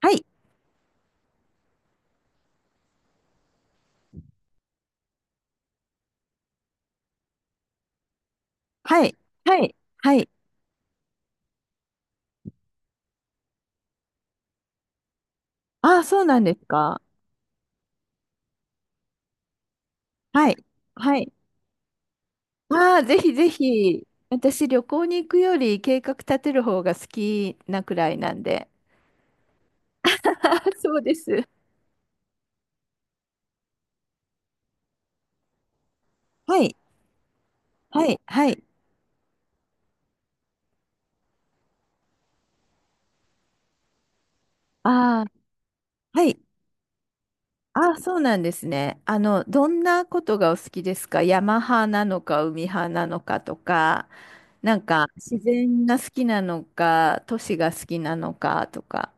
はい。はい。はい。はい。ああ、そうなんですか。はい。はい。ああ、ぜひぜひ。私、旅行に行くより計画立てる方が好きなくらいなんで。あ、そうです。はい。はい。はい。ああ、はい。ああ、そうなんですね。どんなことがお好きですか？山派なのか、海派なのかとか、なんか、自然が好きなのか、都市が好きなのかとか。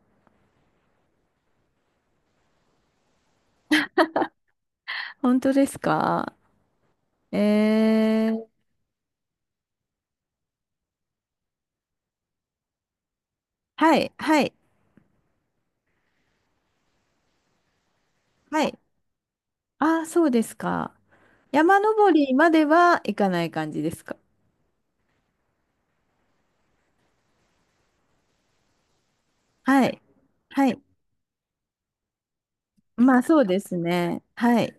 本当ですか？えーはい、はい、はい。ああ、そうですか。山登りまでは行かない感じですか？はい、はい。まあ、そうですね。はい、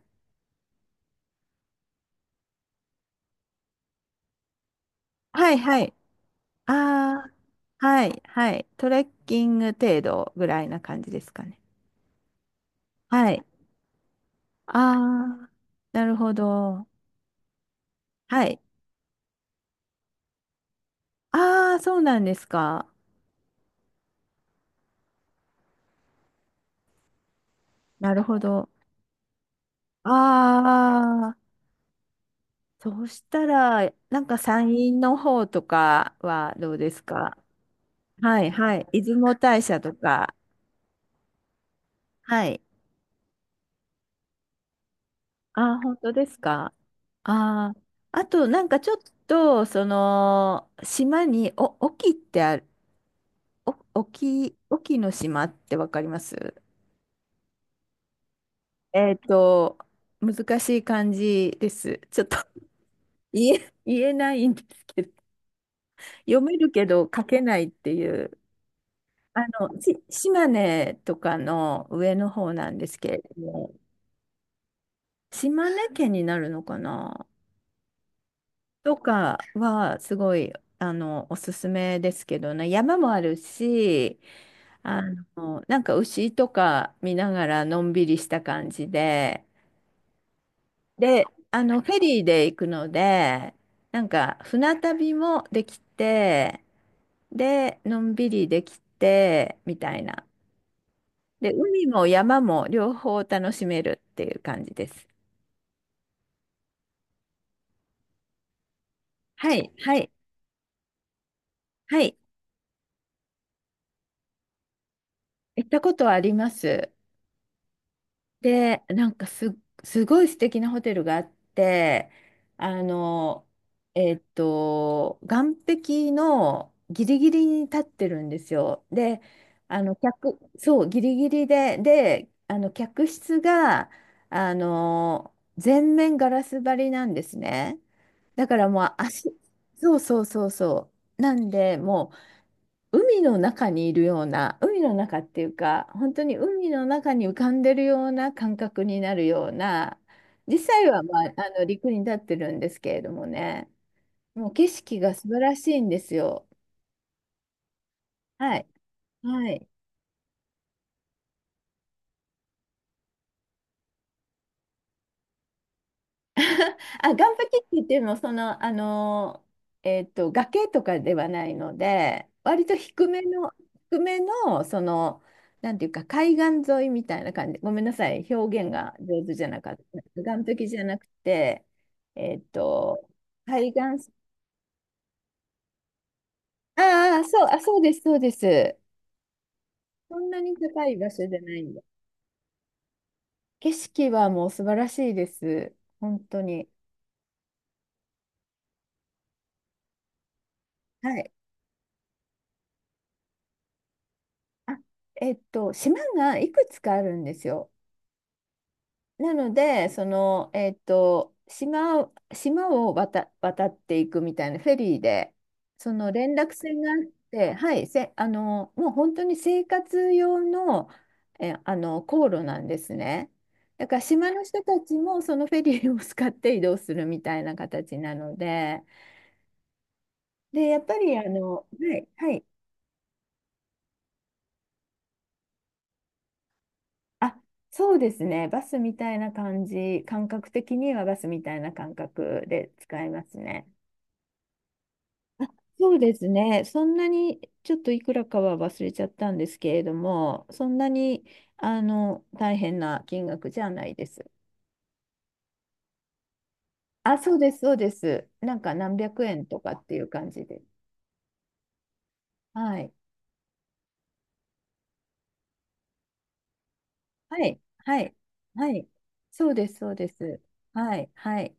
はい、はい。ああ、はい、はい。トレッキング程度ぐらいな感じですかね？はい。ああ、なるほど。はい。ああ、そうなんですか。なるほど。ああ、そうしたら、なんか山陰の方とかはどうですか？はい、はい。出雲大社とか。はい。ああ、本当ですか。ああ、あと、なんかちょっと、その、島に、沖ってある、沖の島ってわかります？えっと、難しい漢字です。ちょっと 言えないんですけど、読めるけど書けないっていう、島根とかの上の方なんですけれども、島根県になるのかな。とかはすごい、おすすめですけどね。山もあるし、あなんか牛とか見ながらのんびりした感じで。で、フェリーで行くので、なんか船旅もできて、でのんびりできてみたいな。で、海も山も両方楽しめるっていう感じです。はい、はい、はい。行ったことはあります。で、なんかすごい素敵なホテルがあって、あの、岸壁のギリギリに立ってるんですよ。で、客、そう、ギリギリで、で、客室が、全面ガラス張りなんですね。だからもう足、そうそうそうそう。なんで、もう、海の中にいるような、海の中っていうか、本当に海の中に浮かんでるような感覚になるような、実際は、まあ、あの陸に立ってるんですけれどもね、もう景色が素晴らしいんですよ。はい。はい。あ、岩壁って言っても、その、崖とかではないので、割と低めの、なんていうか、海岸沿いみたいな感じ。ごめんなさい、表現が上手じゃなかった。岩壁じゃなくて、えっと、海岸、ああ、そう、あ、そうです、そうです。そんなに高い場所じゃないんで。景色はもう素晴らしいです。本当に。はい。あ、島がいくつかあるんですよ。なので、島を渡っていくみたいなフェリーで、その連絡船があって、はい、せ、あの、もう本当に生活用の、え、あの、航路なんですね。だから島の人たちもそのフェリーを使って移動するみたいな形なので、で、やっぱりはい、はい、あ、そうですね、バスみたいな感じ、感覚的にはバスみたいな感覚で使いますね。そうですね。そんなに、ちょっといくらかは忘れちゃったんですけれども、そんなに、大変な金額じゃないです。あ、そうです、そうです。なんか何百円とかっていう感じで。はい。はい。はい。はい。そうです、そうです。はい。はい。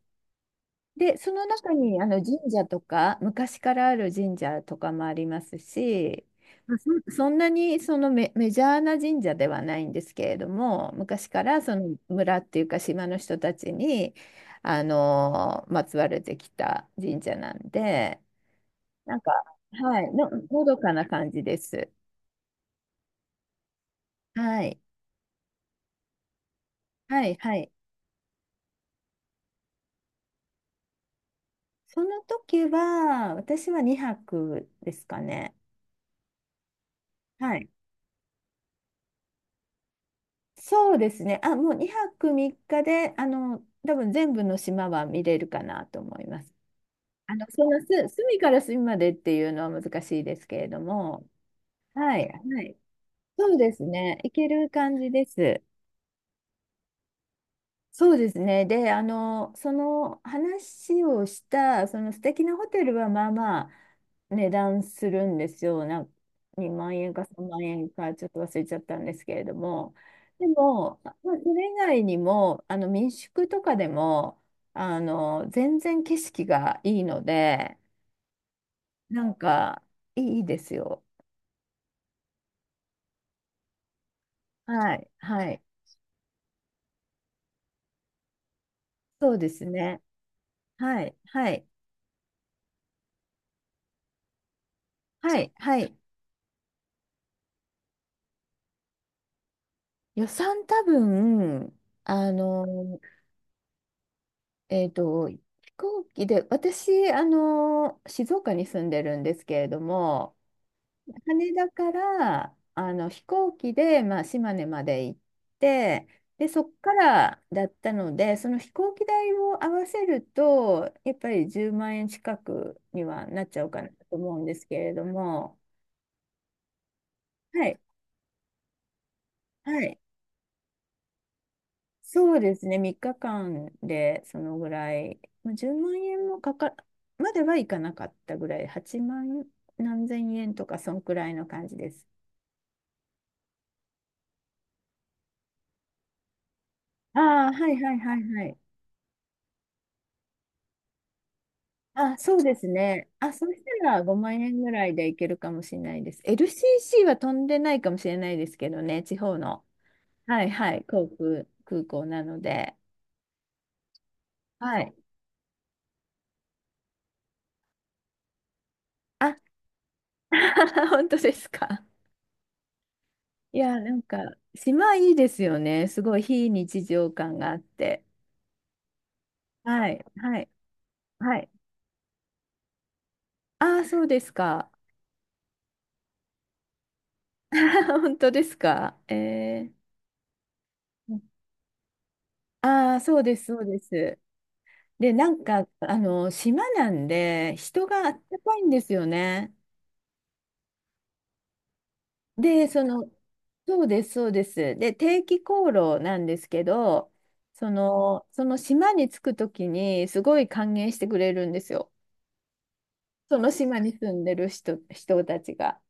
で、その中にあの神社とか、昔からある神社とかもありますし、まあそんなにそのメジャーな神社ではないんですけれども、昔からその村っていうか島の人たちに、まつわれてきた神社なんで、なんか、はい、のどかな感じです。はい、はい、はい。その時は、私は2泊ですかね。はい、そうですね。あ、もう2泊3日で、多分全部の島は見れるかなと思います。隅から隅までっていうのは難しいですけれども、はい、はい。そうですね。いける感じです。そうですね。で、その話をした、その素敵なホテルはまあまあ値段するんですよ。2万円か3万円かちょっと忘れちゃったんですけれども。でも、まあ、それ以外にも、あの民宿とかでも、全然景色がいいので、なんかいいですよ。はい、はい。そうですね。はい、はい、はい、はい。予算多分、あの飛行機で、私、あの、静岡に住んでるんですけれども、羽田から、あの、飛行機で、まあ、島根まで行って、で、そっからだったので、その飛行機代を合わせると、やっぱり10万円近くにはなっちゃうかなと思うんですけれども、はい、はい。そうですね、3日間でそのぐらい、まあ、10万円もかか、まではいかなかったぐらい、8万何千円とか、そんくらいの感じです。ああ、はい、はい、はい、はい。あ、そうですね。あ、そしたら5万円ぐらいでいけるかもしれないです。LCC は飛んでないかもしれないですけどね、地方の。はい、はい、空港なので。はい。あ、本当ですか。いや、なんか、島いいですよね。すごい非日常感があって。はい、はい、はい。ああ、そうですか。本当ですか。えー、ああ、そうです、そうです。で、なんか、あの、島なんで、人があったかいんですよね。で、そうです、そうです。で、定期航路なんですけど、その島に着くときに、すごい歓迎してくれるんですよ。その島に住んでる人たちが。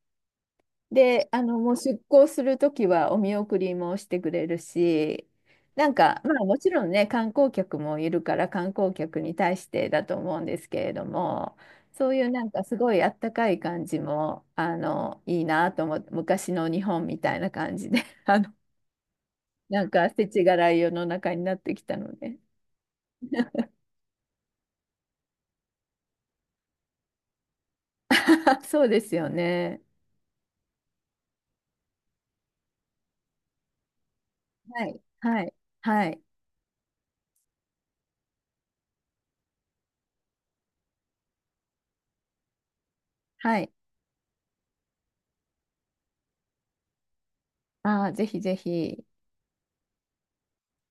で、もう出航するときはお見送りもしてくれるし、なんか、まあもちろんね、観光客もいるから観光客に対してだと思うんですけれども、そういうなんかすごいあったかい感じも、いいなと思って、昔の日本みたいな感じで、なんか世知辛い世の中になってきたので。そうですよね。はい、はい、はい、はい。ああ、ぜひぜひ。